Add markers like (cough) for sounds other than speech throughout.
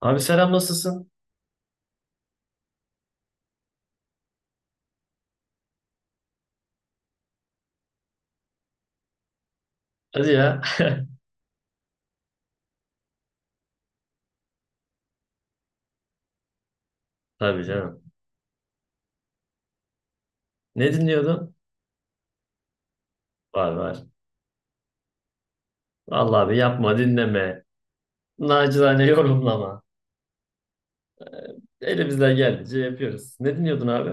Abi selam nasılsın? Hadi ya. (laughs) Tabii canım. Ne dinliyordun? Var var. Vallahi abi yapma dinleme. Nacizane (laughs) yorumlama. Elimizden geldiğince yapıyoruz. Ne dinliyordun abi?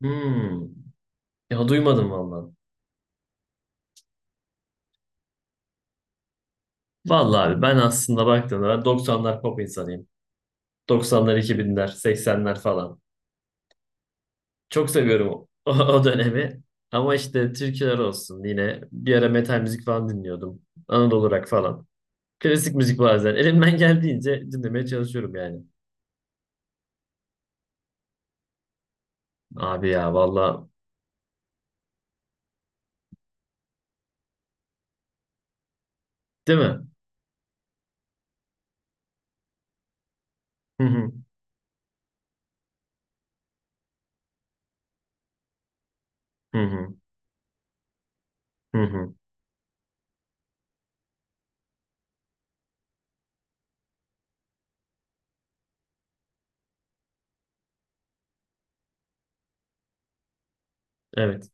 Hmm. Ya duymadım vallahi. Vallahi abi ben aslında baktığımda ben 90'lar pop insanıyım. 90'lar 2000'ler 80'ler falan. Çok seviyorum (laughs) o dönemi. Ama işte türküler olsun yine bir ara metal müzik falan dinliyordum. Anadolu rock falan. Klasik müzik bazen. Elimden geldiğince dinlemeye çalışıyorum yani. Abi ya valla değil mi? Hı hı hı hı hı hı. Evet.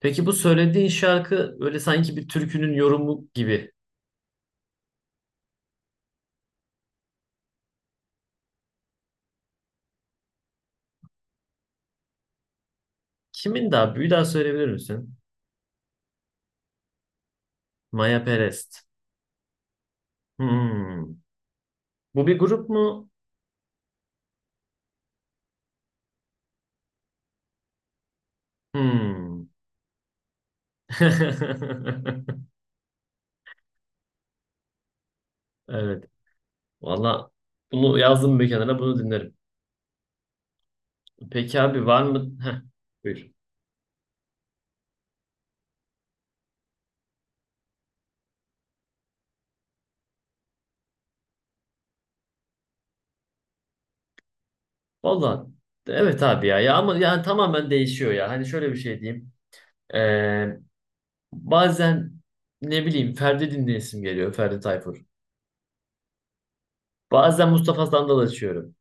Peki bu söylediğin şarkı öyle sanki bir türkünün yorumu gibi. Kimin daha? Bir daha söyleyebilir misin? Maya Perest. Hmm. Bu bir grup mu? Hmm. (laughs) Evet. Valla bunu yazdım bir kenara bunu dinlerim. Peki abi var mı? Heh, buyur. Valla evet abi ya. Ya ama yani tamamen değişiyor ya. Hani şöyle bir şey diyeyim. Bazen ne bileyim Ferdi dinleyesim geliyor. Ferdi Tayfur. Bazen Mustafa Sandal açıyorum.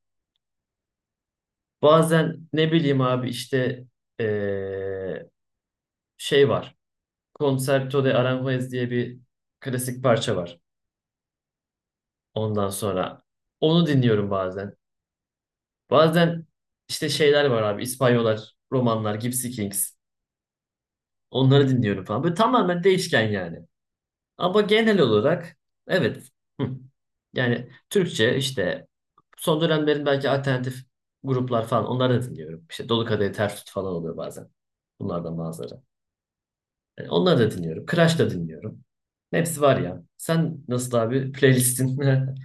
Bazen ne bileyim abi işte eee, şey var. Concerto de Aranjuez diye bir klasik parça var. Ondan sonra onu dinliyorum bazen. Bazen işte şeyler var abi. İspanyollar, romanlar, Gypsy Kings. Onları dinliyorum falan. Böyle tamamen değişken yani. Ama genel olarak evet. Hı. Yani Türkçe işte son dönemlerin belki alternatif gruplar falan onları da dinliyorum. İşte Dolu Kadehi Ters Tut falan oluyor bazen. Bunlardan bazıları. Yani onları da dinliyorum. Crash da dinliyorum. Hepsi var ya. Sen nasıl abi playlistin? (laughs)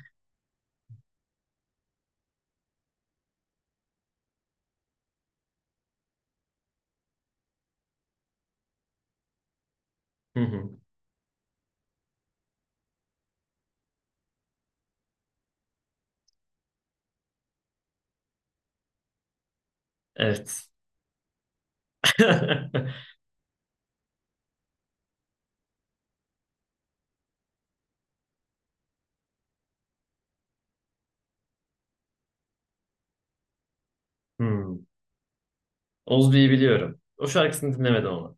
Hı hı. Evet. (laughs) Hmm. Ozbi'yi biliyorum. O şarkısını dinlemedim ama.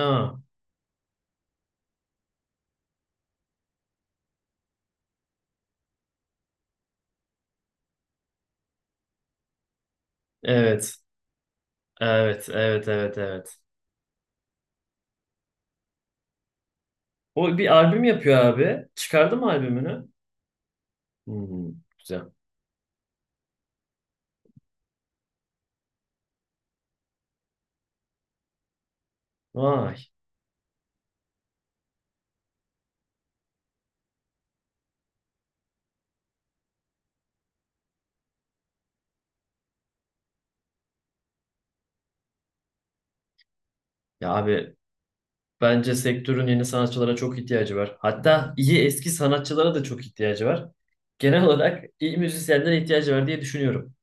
Aa, evet. Evet, evet, evet, evet. O bir albüm yapıyor abi. Çıkardı mı albümünü? Hmm, güzel. Vay. Ya abi bence sektörün yeni sanatçılara çok ihtiyacı var. Hatta iyi eski sanatçılara da çok ihtiyacı var. Genel olarak iyi müzisyenlere ihtiyacı var diye düşünüyorum.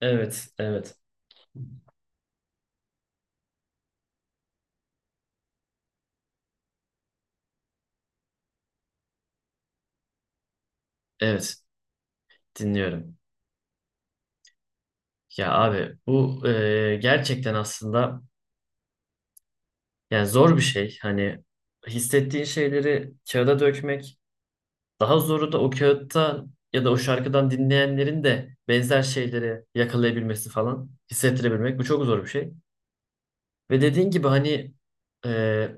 Evet, evet, evet. Dinliyorum. Ya abi bu gerçekten aslında yani zor bir şey. Hani hissettiğin şeyleri kağıda dökmek. Daha zoru da o kağıtta ya da o şarkıdan dinleyenlerin de benzer şeyleri yakalayabilmesi falan hissettirebilmek. Bu çok zor bir şey. Ve dediğin gibi hani e,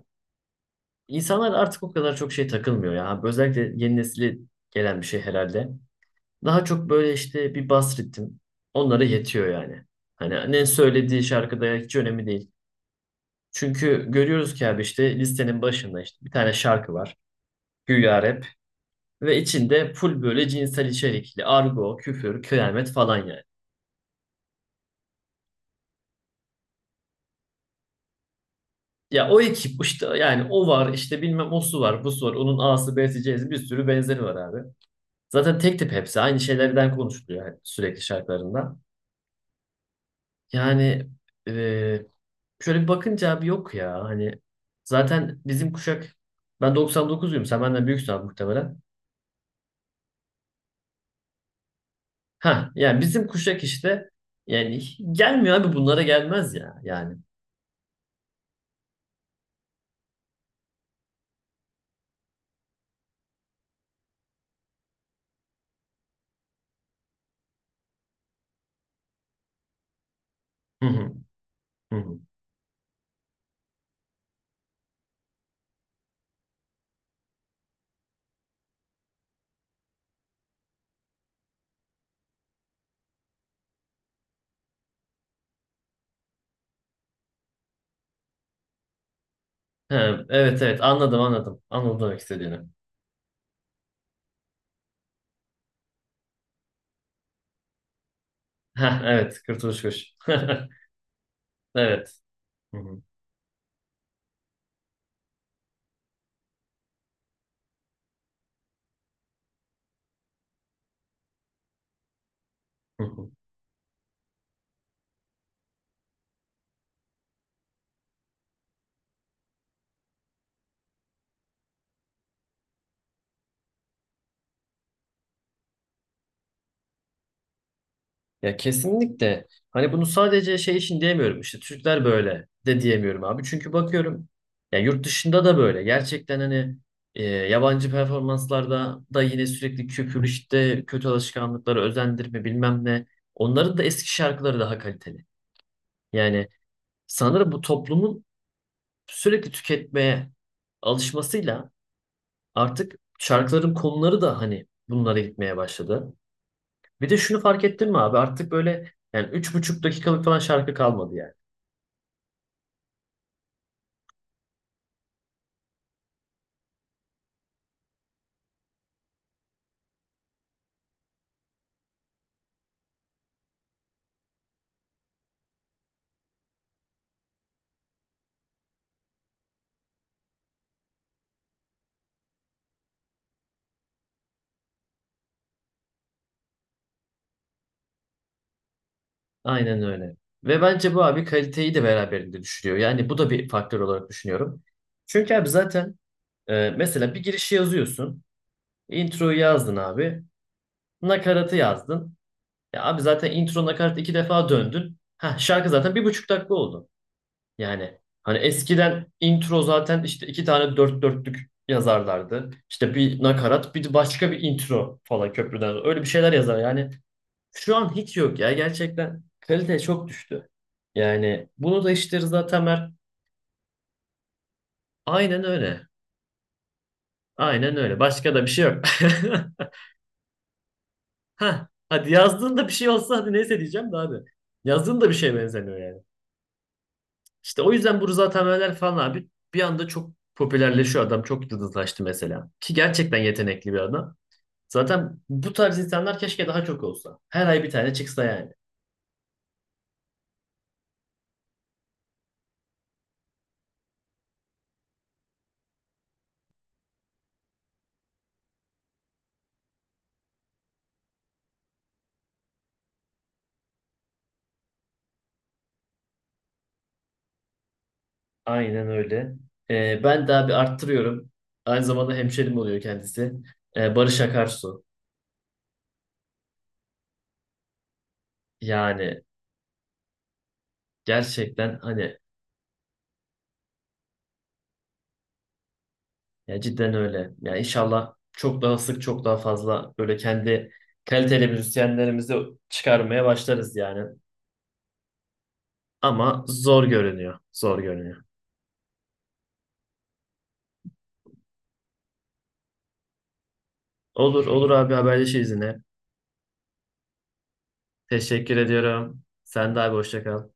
insanlar artık o kadar çok şey takılmıyor ya. Özellikle yeni nesile gelen bir şey herhalde. Daha çok böyle işte bir bas ritim onlara yetiyor yani. Hani ne söylediği şarkıda hiç önemli değil. Çünkü görüyoruz ki abi işte listenin başında işte bir tane şarkı var. Güya rap ve içinde full böyle cinsel içerikli argo, küfür, kıyamet falan yani. Ya o ekip işte yani o var işte bilmem o su var bu su var onun A'sı B'si C'si bir sürü benzeri var abi. Zaten tek tip hepsi. Aynı şeylerden konuşuluyor yani sürekli şarkılarında. Yani e, şöyle bir bakınca abi yok ya. Hani zaten bizim kuşak ben 99'luyum. Sen benden büyüksün abi muhtemelen. Ha yani bizim kuşak işte yani gelmiyor abi bunlara gelmez ya yani. Hı hı, hı hı. Ha, evet evet anladım anladım. Anladım demek istediğini. Ha evet Kurtuluş Kuş. (laughs) Evet. Hı hı, hı hı. Ya kesinlikle. Hani bunu sadece şey için diyemiyorum. İşte Türkler böyle de diyemiyorum abi. Çünkü bakıyorum ya yurt dışında da böyle. Gerçekten hani yabancı performanslarda da yine sürekli küfür işte kötü alışkanlıkları özendirme bilmem ne. Onların da eski şarkıları daha kaliteli. Yani sanırım bu toplumun sürekli tüketmeye alışmasıyla artık şarkıların konuları da hani bunlara gitmeye başladı. Bir de şunu fark ettin mi abi? Artık böyle yani üç buçuk dakikalık falan şarkı kalmadı yani. Aynen öyle. Ve bence bu abi kaliteyi de beraberinde düşürüyor. Yani bu da bir faktör olarak düşünüyorum. Çünkü abi zaten mesela bir girişi yazıyorsun. Introyu yazdın abi. Nakaratı yazdın. Ya abi zaten intro nakarat iki defa döndün. Ha şarkı zaten bir buçuk dakika oldu. Yani hani eskiden intro zaten işte iki tane dört dörtlük yazarlardı. İşte bir nakarat, bir de başka bir intro falan köprüden. Öyle bir şeyler yazar. Yani şu an hiç yok ya. Gerçekten kalite çok düştü. Yani bunu da işte Rıza Temer aynen öyle. Aynen öyle. Başka da bir şey yok. (laughs) ha hadi yazdığında bir şey olsa hadi neyse diyeceğim de abi. Yazdığında bir şeye benzemiyor yani. İşte o yüzden bu Rıza Temeller falan abi bir anda çok popülerleşiyor adam. Çok yıldızlaştı mesela. Ki gerçekten yetenekli bir adam. Zaten bu tarz insanlar keşke daha çok olsa. Her ay bir tane çıksa yani. Aynen öyle. Ben daha bir arttırıyorum. Aynı zamanda hemşerim oluyor kendisi. Barış Akarsu. Yani gerçekten hani ya cidden öyle. Yani inşallah çok daha sık çok daha fazla böyle kendi kaliteli müzisyenlerimizi çıkarmaya başlarız yani. Ama zor görünüyor. Zor görünüyor. Olur olur abi haberleşiriz yine. Teşekkür ediyorum. Sen de abi hoşça kal.